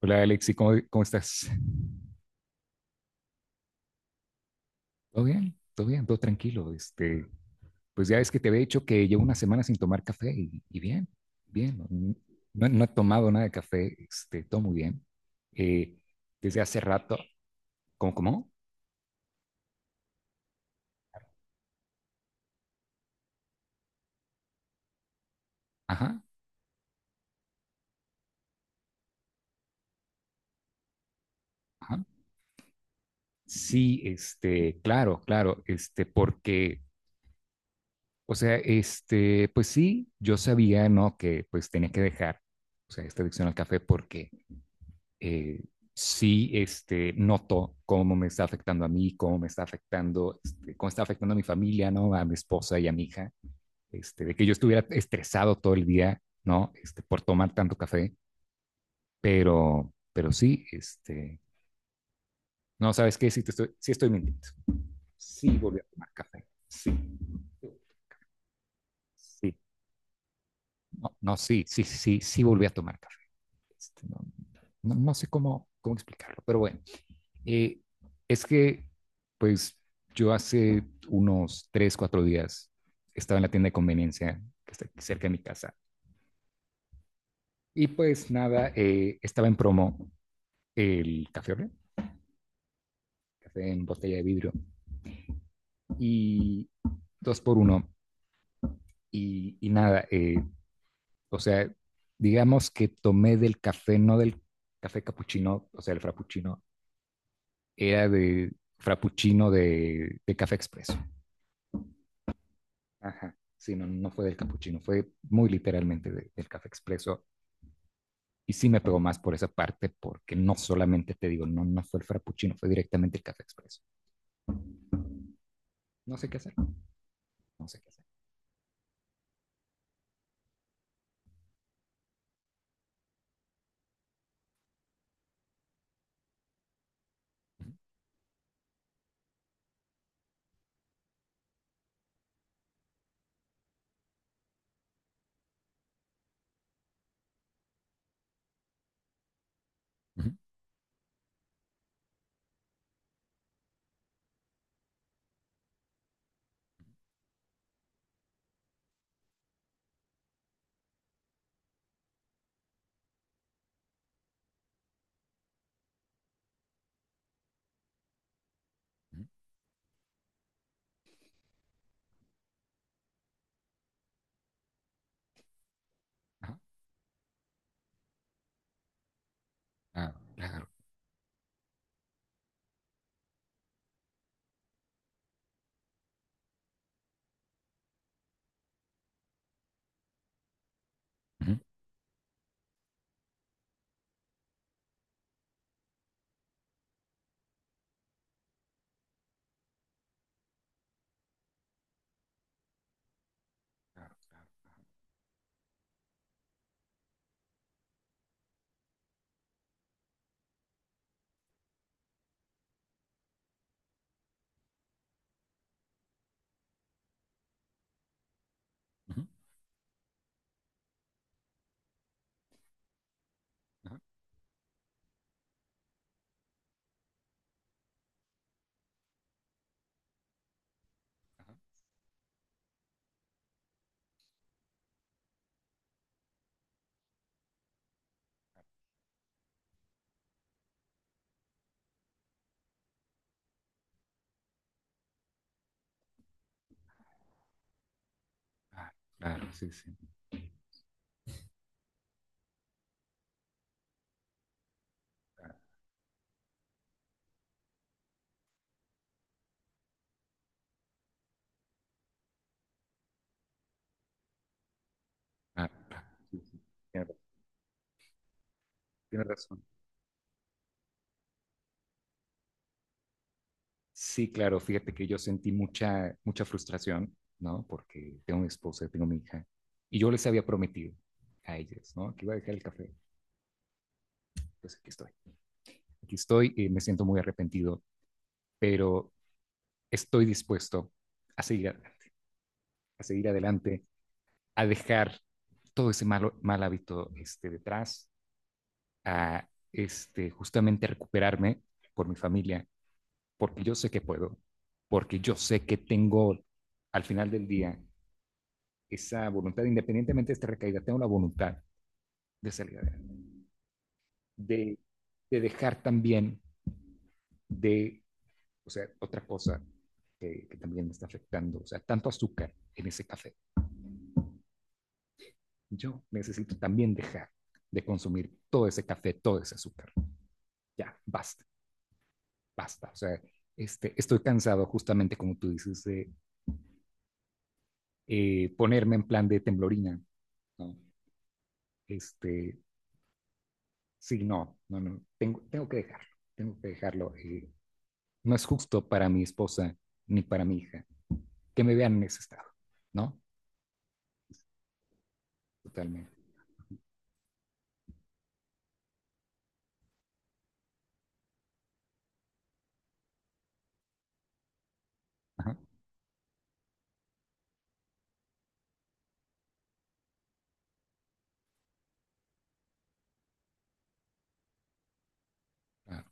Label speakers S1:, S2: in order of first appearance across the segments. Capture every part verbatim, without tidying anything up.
S1: Hola Alexi, ¿cómo, cómo estás? ¿Todo bien? ¿Todo bien? ¿Todo tranquilo? Este, pues ya es que te había dicho que llevo una semana sin tomar café y, y bien, bien. No, no- no he tomado nada de café, este, todo muy bien. Eh, desde hace rato. ¿Cómo, cómo? Ajá, ajá. Sí, este, claro, claro, este, porque, o sea, este, pues sí, yo sabía, ¿no? Que pues tenía que dejar, o sea, esta adicción al café porque eh, sí, este, noto cómo me está afectando a mí, cómo me está afectando, este, cómo está afectando a mi familia, ¿no? A mi esposa y a mi hija, este, de que yo estuviera estresado todo el día, ¿no? Este, por tomar tanto café. Pero, pero sí, este, no, ¿sabes qué? Sí, te estoy, sí estoy mintiendo. Sí volví a tomar café, sí. Sí, no, no sí, sí, sí, sí volví a tomar café. Este, no, no, no sé cómo, cómo explicarlo, pero bueno. Eh, es que, pues, yo hace unos tres, cuatro días estaba en la tienda de conveniencia que está aquí cerca de mi casa. Y pues nada, eh, estaba en promo el café Oreo, café en botella de vidrio, y dos por uno. Y, y nada, eh, o sea, digamos que tomé del café, no del café capuchino, o sea, el frappuccino, era de frappuccino de, de café expreso. Ajá. Sí, no, no fue del capuchino, fue muy literalmente de- del café expreso. Y sí me pegó más por esa parte, porque no solamente te digo, no, no fue el frappuccino, fue directamente el café expreso. No sé qué hacer, no sé qué hacer. Ujú, ujú, ajá, claro, claro, ujú, claro, claro, ujú, ajá, ajá, ah, claro, sí, sí, claro, claro, sí, sí. Tiene ra- tiene razón. Sí, claro, fíjate que yo sentí mucha, mucha frustración, ¿no? Porque tengo mi esposa, tengo mi hija, y yo les había prometido a ellas, ¿no? Que iba a dejar el café, pues aquí estoy. Aquí estoy y me siento muy arrepentido, pero estoy dispuesto a seguir, a seguir adelante, a dejar todo ese malo, mal hábito este, detrás, a este, justamente recuperarme por mi familia, porque yo sé que puedo, porque yo sé que tengo, al final del día, esa voluntad. Independientemente de esta recaída, tengo la voluntad de salir adelante, de, de dejar también de O sea, otra cosa que, que también me está afectando, o sea, tanto azúcar en ese café. Yo necesito también dejar de consumir todo ese café, todo ese azúcar. Ya, basta, basta. O sea, este, estoy cansado justamente, como tú dices, de eh, ponerme en plan de temblorina, ¿no? Este, sí, no, no, no, tengo, tengo que dejarlo, tengo que dejarlo. Eh, no es justo para mi esposa ni para mi hija que me vean en ese estado, ¿no? Totalmente. Ajá. Claro,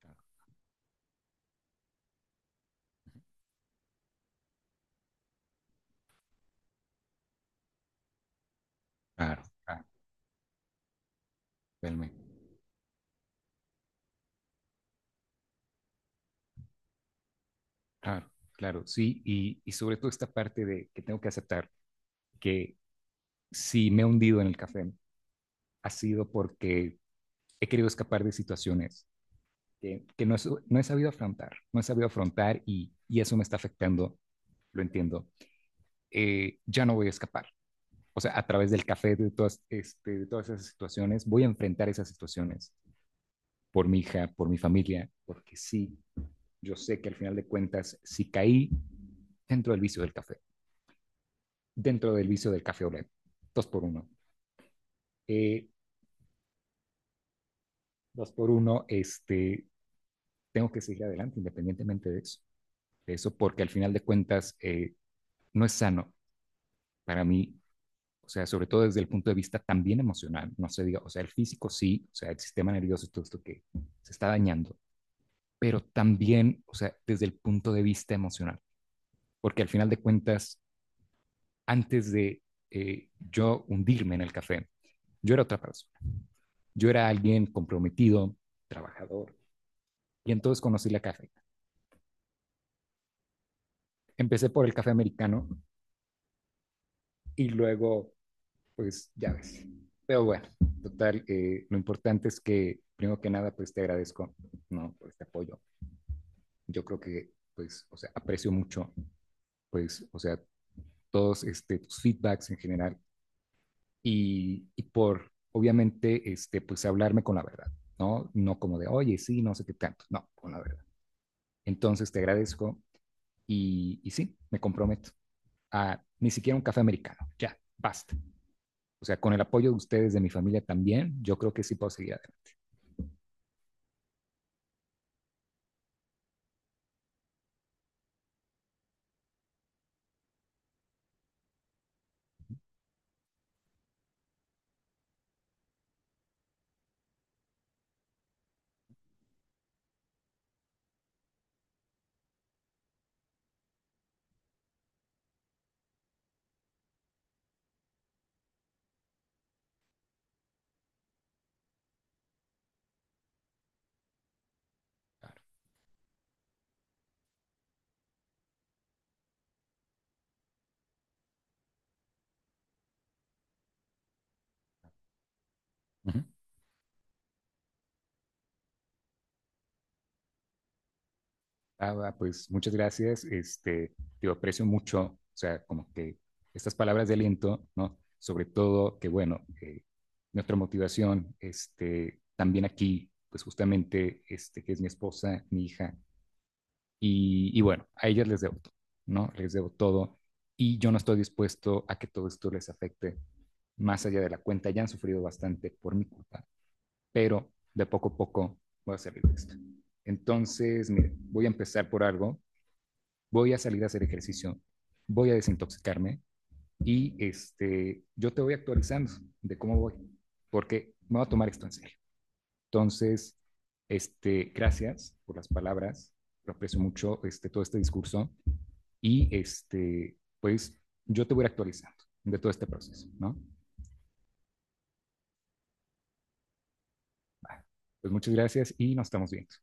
S1: claro, claro, claro, totalmente. Claro, claro, sí, y, y sobre todo esta parte de que tengo que aceptar que si me he hundido en el café ha sido porque he querido escapar de situaciones que, que no, he, su- no he sabido afrontar, no he sabido afrontar, y, y eso me está afectando, lo entiendo. Eh, ya no voy a escapar. O sea, a través del café, de todas, este, de todas esas situaciones, voy a enfrentar esas situaciones por mi hija, por mi familia, porque sí, yo sé que al final de cuentas, si caí dentro del vicio del café, dentro del vicio del café olé. Dos por uno. Eh, Dos por uno, este, tengo que seguir adelante independientemente de eso, de eso, porque al final de cuentas, eh, no es sano para mí. O sea, sobre todo desde el punto de vista también emocional, no se diga, o sea, el físico sí, o sea, el sistema nervioso, todo esto que se está dañando. Pero también, o sea, desde el punto de vista emocional, porque al final de cuentas, antes de eh, yo hundirme en el café, yo era otra persona, yo era alguien comprometido, trabajador. Y entonces conocí la café. Empecé por el café americano y luego, pues ya ves. Pero bueno, total, eh, lo importante es que, primero que nada, pues te agradezco, ¿no? Por este apoyo. Yo creo que, pues, o sea, aprecio mucho, pues, o sea, todos este, tus feedbacks en general, y, y por, obviamente, este, pues hablarme con la verdad, ¿no? No como de, oye, sí, no sé qué tanto, no, con la verdad. Entonces te agradezco, y, y sí, me comprometo a ni siquiera un café americano, ya, basta. O sea, con el apoyo de ustedes, de mi familia también, yo creo que sí puedo seguir adelante. Claro. Uh -huh. Ah, pues muchas gracias. Este, te aprecio mucho, o sea, como que estas palabras de aliento, ¿no? Sobre todo que, bueno, eh, nuestra motivación, este, también aquí, pues justamente, este, que es mi esposa, mi hija, y, y bueno, a ellas les debo todo, ¿no? Les debo todo, y yo no estoy dispuesto a que todo esto les afecte más allá de la cuenta. Ya han sufrido bastante por mi culpa, pero de poco a poco voy a salir de esto. Entonces, mire, voy a empezar por algo, voy a salir a hacer ejercicio, voy a desintoxicarme, y este, yo te voy actualizando de cómo voy, porque me voy a tomar esto en serio. Entonces, este, gracias por las palabras, lo aprecio mucho, este, todo este discurso, y este, pues yo te voy a ir actualizando de todo este proceso, ¿no? Vale, pues muchas gracias y nos estamos viendo.